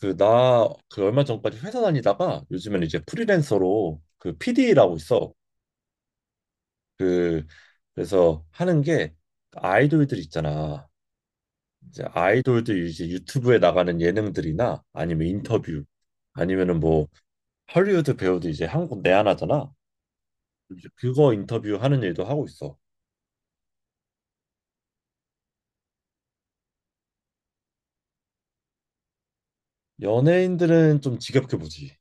그, 나, 그 얼마 전까지 회사 다니다가 요즘엔 이제 프리랜서로 그 PD 라고 있어. 그, 그래서 하는 게 아이돌들 있잖아. 이제 아이돌들 이제 유튜브에 나가는 예능들이나 아니면 인터뷰 아니면은 뭐 헐리우드 배우도 이제 한국 내한하잖아. 이제 그거 인터뷰하는 일도 하고 있어. 연예인들은 좀 지겹게 보지.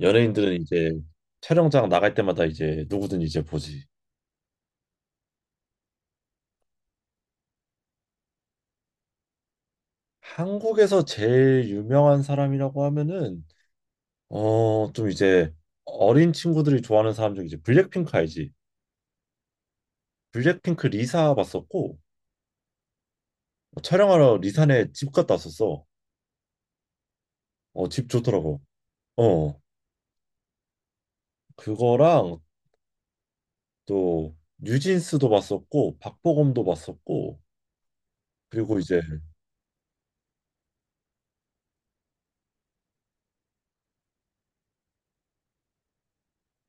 연예인들은 이제 촬영장 나갈 때마다 이제 누구든 이제 보지. 한국에서 제일 유명한 사람이라고 하면은 좀 이제 어린 친구들이 좋아하는 사람 중에 이제 블랙핑크 알지? 블랙핑크 리사 봤었고 어, 촬영하러 리사네 집 갔다 왔었어. 어, 집 좋더라고. 어, 그거랑 또 뉴진스도 봤었고 박보검도 봤었고 그리고 이제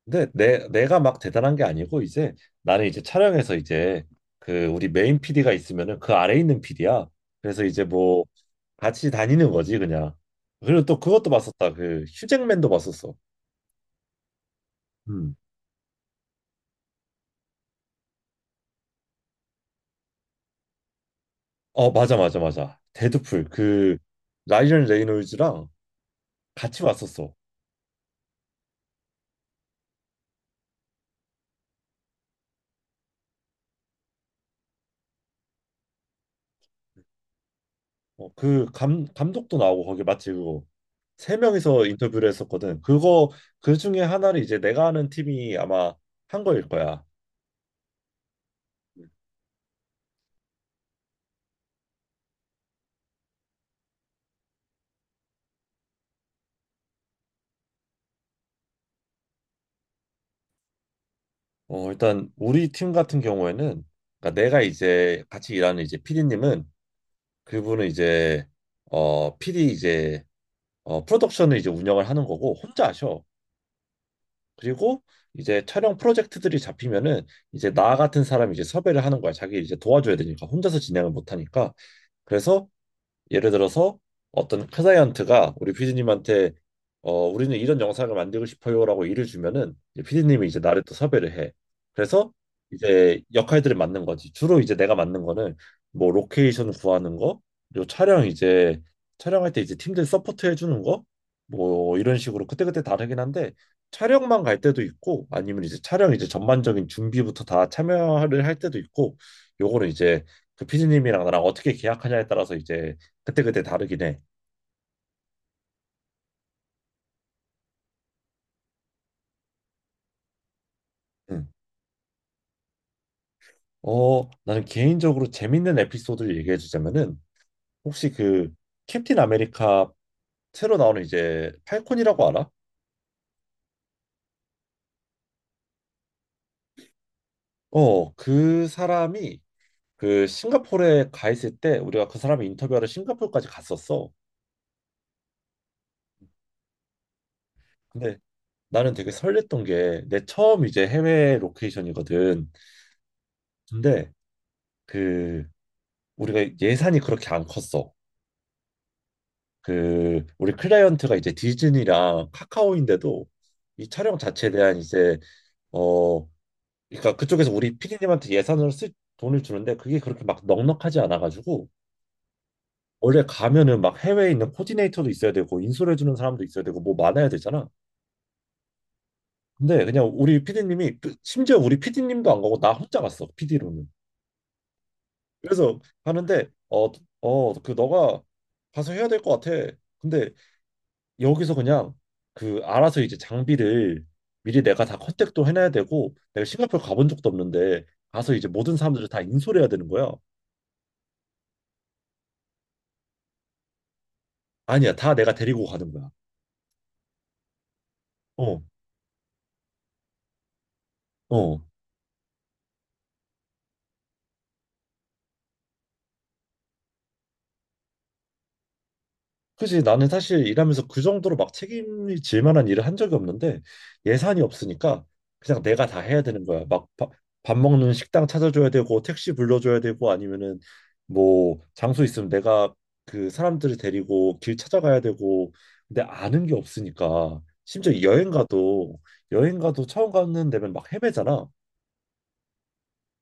근데 내 내가 막 대단한 게 아니고 이제 나는 이제 촬영에서 이제 그 우리 메인 PD가 있으면은 그 아래 있는 PD야. 그래서 이제 뭐 같이 다니는 거지 그냥. 그리고 또 그것도 봤었다. 그 휴잭맨도 봤었어. 음. 어, 맞아, 맞아, 맞아. 데드풀. 그, 라이언 레이놀즈랑 같이 왔었어. 어, 감독도 나오고, 거기 맞지, 그거. 세 명이서 인터뷰를 했었거든. 그거, 그 중에 하나를 이제 내가 아는 팀이 아마 한 거일 거야. 어, 일단, 우리 팀 같은 경우에는, 그러니까 내가 이제 같이 일하는 이제 PD님은, 그분은 이제, 어, PD 이제, 어, 프로덕션을 이제 운영을 하는 거고, 혼자 하셔. 그리고 이제 촬영 프로젝트들이 잡히면은 이제 나 같은 사람이 이제 섭외를 하는 거야. 자기 이제 도와줘야 되니까 혼자서 진행을 못 하니까. 그래서 예를 들어서 어떤 클라이언트가 우리 피디님한테 어, 우리는 이런 영상을 만들고 싶어요라고 일을 주면은 이제 피디님이 이제 나를 또 섭외를 해. 그래서 이제 역할들을 맡는 거지. 주로 이제 내가 맡는 거는 뭐 로케이션 구하는 거, 그리고 촬영할 때 이제 팀들 서포트 해주는 거, 뭐 이런 식으로 그때그때 다르긴 한데 촬영만 갈 때도 있고 아니면 이제 촬영 이제 전반적인 준비부터 다 참여를 할 때도 있고 요거는 이제 그 피디님이랑 나랑 어떻게 계약하냐에 따라서 이제 그때그때 다르긴 해. 응. 어, 나는 개인적으로 재밌는 에피소드를 얘기해 주자면은 혹시 그 캡틴 아메리카 새로 나오는 이제 팔콘이라고 알아? 어, 그 사람이 그 싱가포르에 가 있을 때 우리가 그 사람이 인터뷰하러 싱가포르까지 갔었어. 근데 나는 되게 설렜던 게 내 처음 이제 해외 로케이션이거든. 근데 그 우리가 예산이 그렇게 안 컸어. 그 우리 클라이언트가 이제 디즈니랑 카카오인데도 이 촬영 자체에 대한 이제 어 그러니까 그쪽에서 우리 피디님한테 예산을 쓸 돈을 주는데 그게 그렇게 막 넉넉하지 않아가지고 원래 가면은 막 해외에 있는 코디네이터도 있어야 되고 인솔해 주는 사람도 있어야 되고 뭐 많아야 되잖아. 근데 그냥 우리 피디님이 심지어 우리 피디님도 안 가고 나 혼자 갔어 피디로는. 그래서 가는데 그 너가 가서 해야 될 것 같아. 근데 여기서 그냥 그 알아서 이제 장비를 미리 내가 다 컨택도 해놔야 되고 내가 싱가포르 가본 적도 없는데 가서 이제 모든 사람들을 다 인솔해야 되는 거야. 아니야, 다 내가 데리고 가는 거야. 어, 어. 그지. 나는 사실 일하면서 그 정도로 막 책임이 질 만한 일을 한 적이 없는데 예산이 없으니까 그냥 내가 다 해야 되는 거야. 막 밥 먹는 식당 찾아줘야 되고 택시 불러줘야 되고 아니면은 뭐 장소 있으면 내가 그 사람들을 데리고 길 찾아가야 되고 근데 아는 게 없으니까 심지어 여행 가도 처음 가는 데면 막 헤매잖아.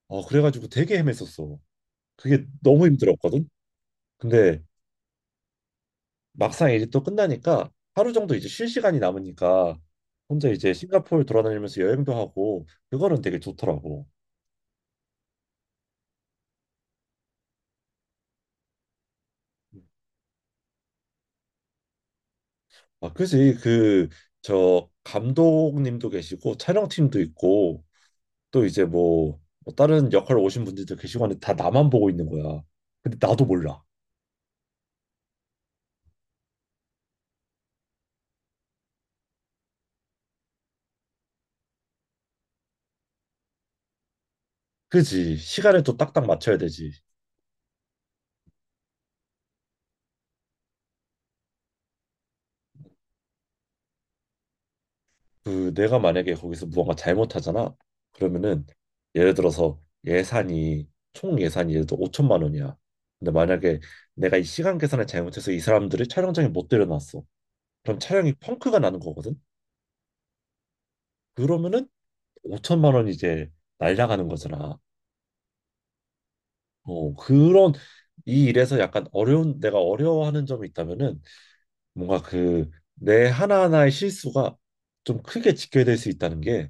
어 그래가지고 되게 헤맸었어. 그게 너무 힘들었거든. 근데 막상 이제 또 끝나니까 하루 정도 이제 쉴 시간이 남으니까 혼자 이제 싱가포르 돌아다니면서 여행도 하고 그거는 되게 좋더라고. 아, 그지. 그 저 감독님도 계시고 촬영팀도 있고 또 이제 뭐뭐 다른 역할 오신 분들도 계시고 하는데 다 나만 보고 있는 거야. 근데 나도 몰라. 그지? 시간을 또 딱딱 맞춰야 되지. 그 내가 만약에 거기서 무언가 잘못하잖아. 그러면은 예를 들어서 예산이 예를 들어 5천만 원이야. 근데 만약에 내가 이 시간 계산을 잘못해서 이 사람들을 촬영장에 못 데려놨어. 그럼 촬영이 펑크가 나는 거거든. 그러면은 5천만 원이 이제 날라가는 거잖아. 어, 그런 이 일에서 약간 어려운 내가 어려워하는 점이 있다면은 뭔가 그 내 하나하나의 실수가 좀 크게 지켜야 될 수 있다는 게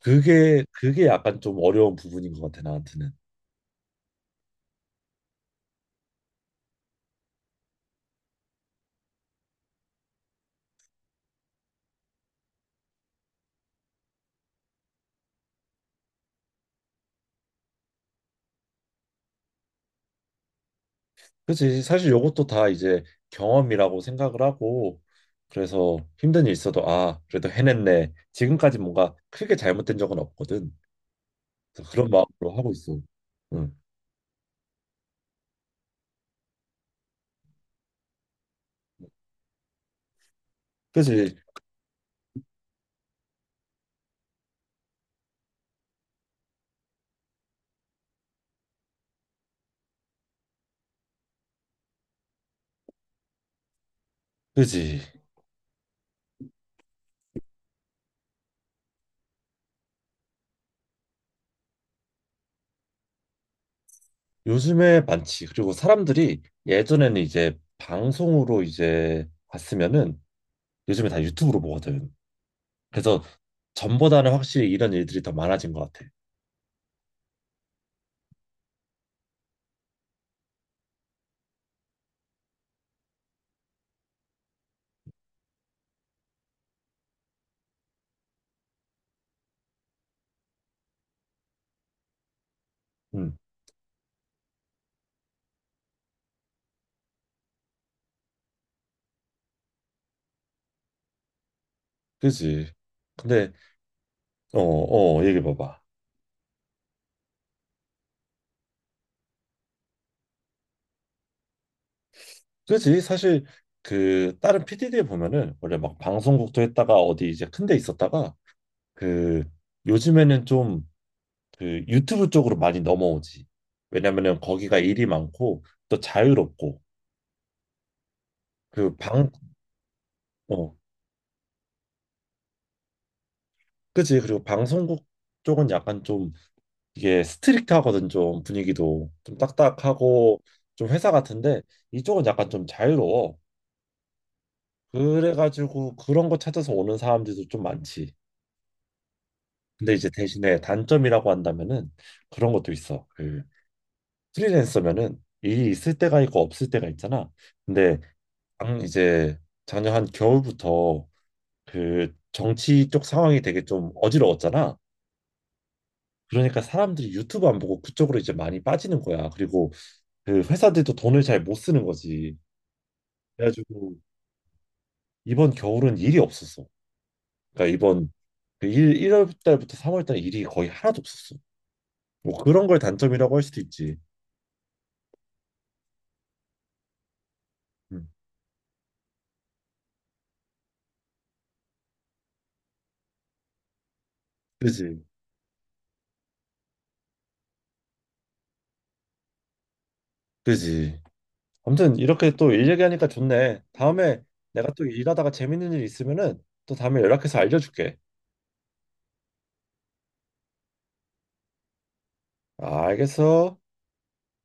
그게 약간 좀 어려운 부분인 것 같아 나한테는. 그치. 사실 요것도 다 이제 경험이라고 생각을 하고 그래서 힘든 일 있어도 아 그래도 해냈네. 지금까지 뭔가 크게 잘못된 적은 없거든. 그래서 그런 마음으로 하고 있어. 응. 그지 그지. 요즘에 많지. 그리고 사람들이 예전에는 이제 방송으로 이제 봤으면은 요즘에 다 유튜브로 보거든. 그래서 전보다는 확실히 이런 일들이 더 많아진 것 같아. 응. 그지. 근데 얘기해 봐봐. 그지? 사실 그 다른 p 디 d 에 보면은 원래 막 방송국도 했다가 어디 이제 큰데 있었다가 그 요즘에는 좀 그 유튜브 쪽으로 많이 넘어오지. 왜냐면은 거기가 일이 많고 또 자유롭고 그 방, 어, 그지? 그리고 방송국 쪽은 약간 좀 이게 스트릭트하거든. 좀 분위기도 좀 딱딱하고 좀 회사 같은데 이쪽은 약간 좀 자유로워. 그래가지고 그런 거 찾아서 오는 사람들도 좀 많지. 근데 이제 대신에 단점이라고 한다면은 그런 것도 있어. 그 프리랜서면은 일이 있을 때가 있고 없을 때가 있잖아. 근데 이제 작년 한 겨울부터 그 정치 쪽 상황이 되게 좀 어지러웠잖아. 그러니까 사람들이 유튜브 안 보고 그쪽으로 이제 많이 빠지는 거야. 그리고 그 회사들도 돈을 잘 못 쓰는 거지. 그래가지고 이번 겨울은 일이 없었어. 그러니까 이번 1월 달부터 3월 달 일이 거의 하나도 없었어. 뭐 그런 걸 단점이라고 할 수도 있지. 음, 그지. 그지. 아무튼 이렇게 또 일 얘기하니까 좋네. 다음에 내가 또 일하다가 재밌는 일 있으면은 또 다음에 연락해서 알려줄게. 아, 알겠어.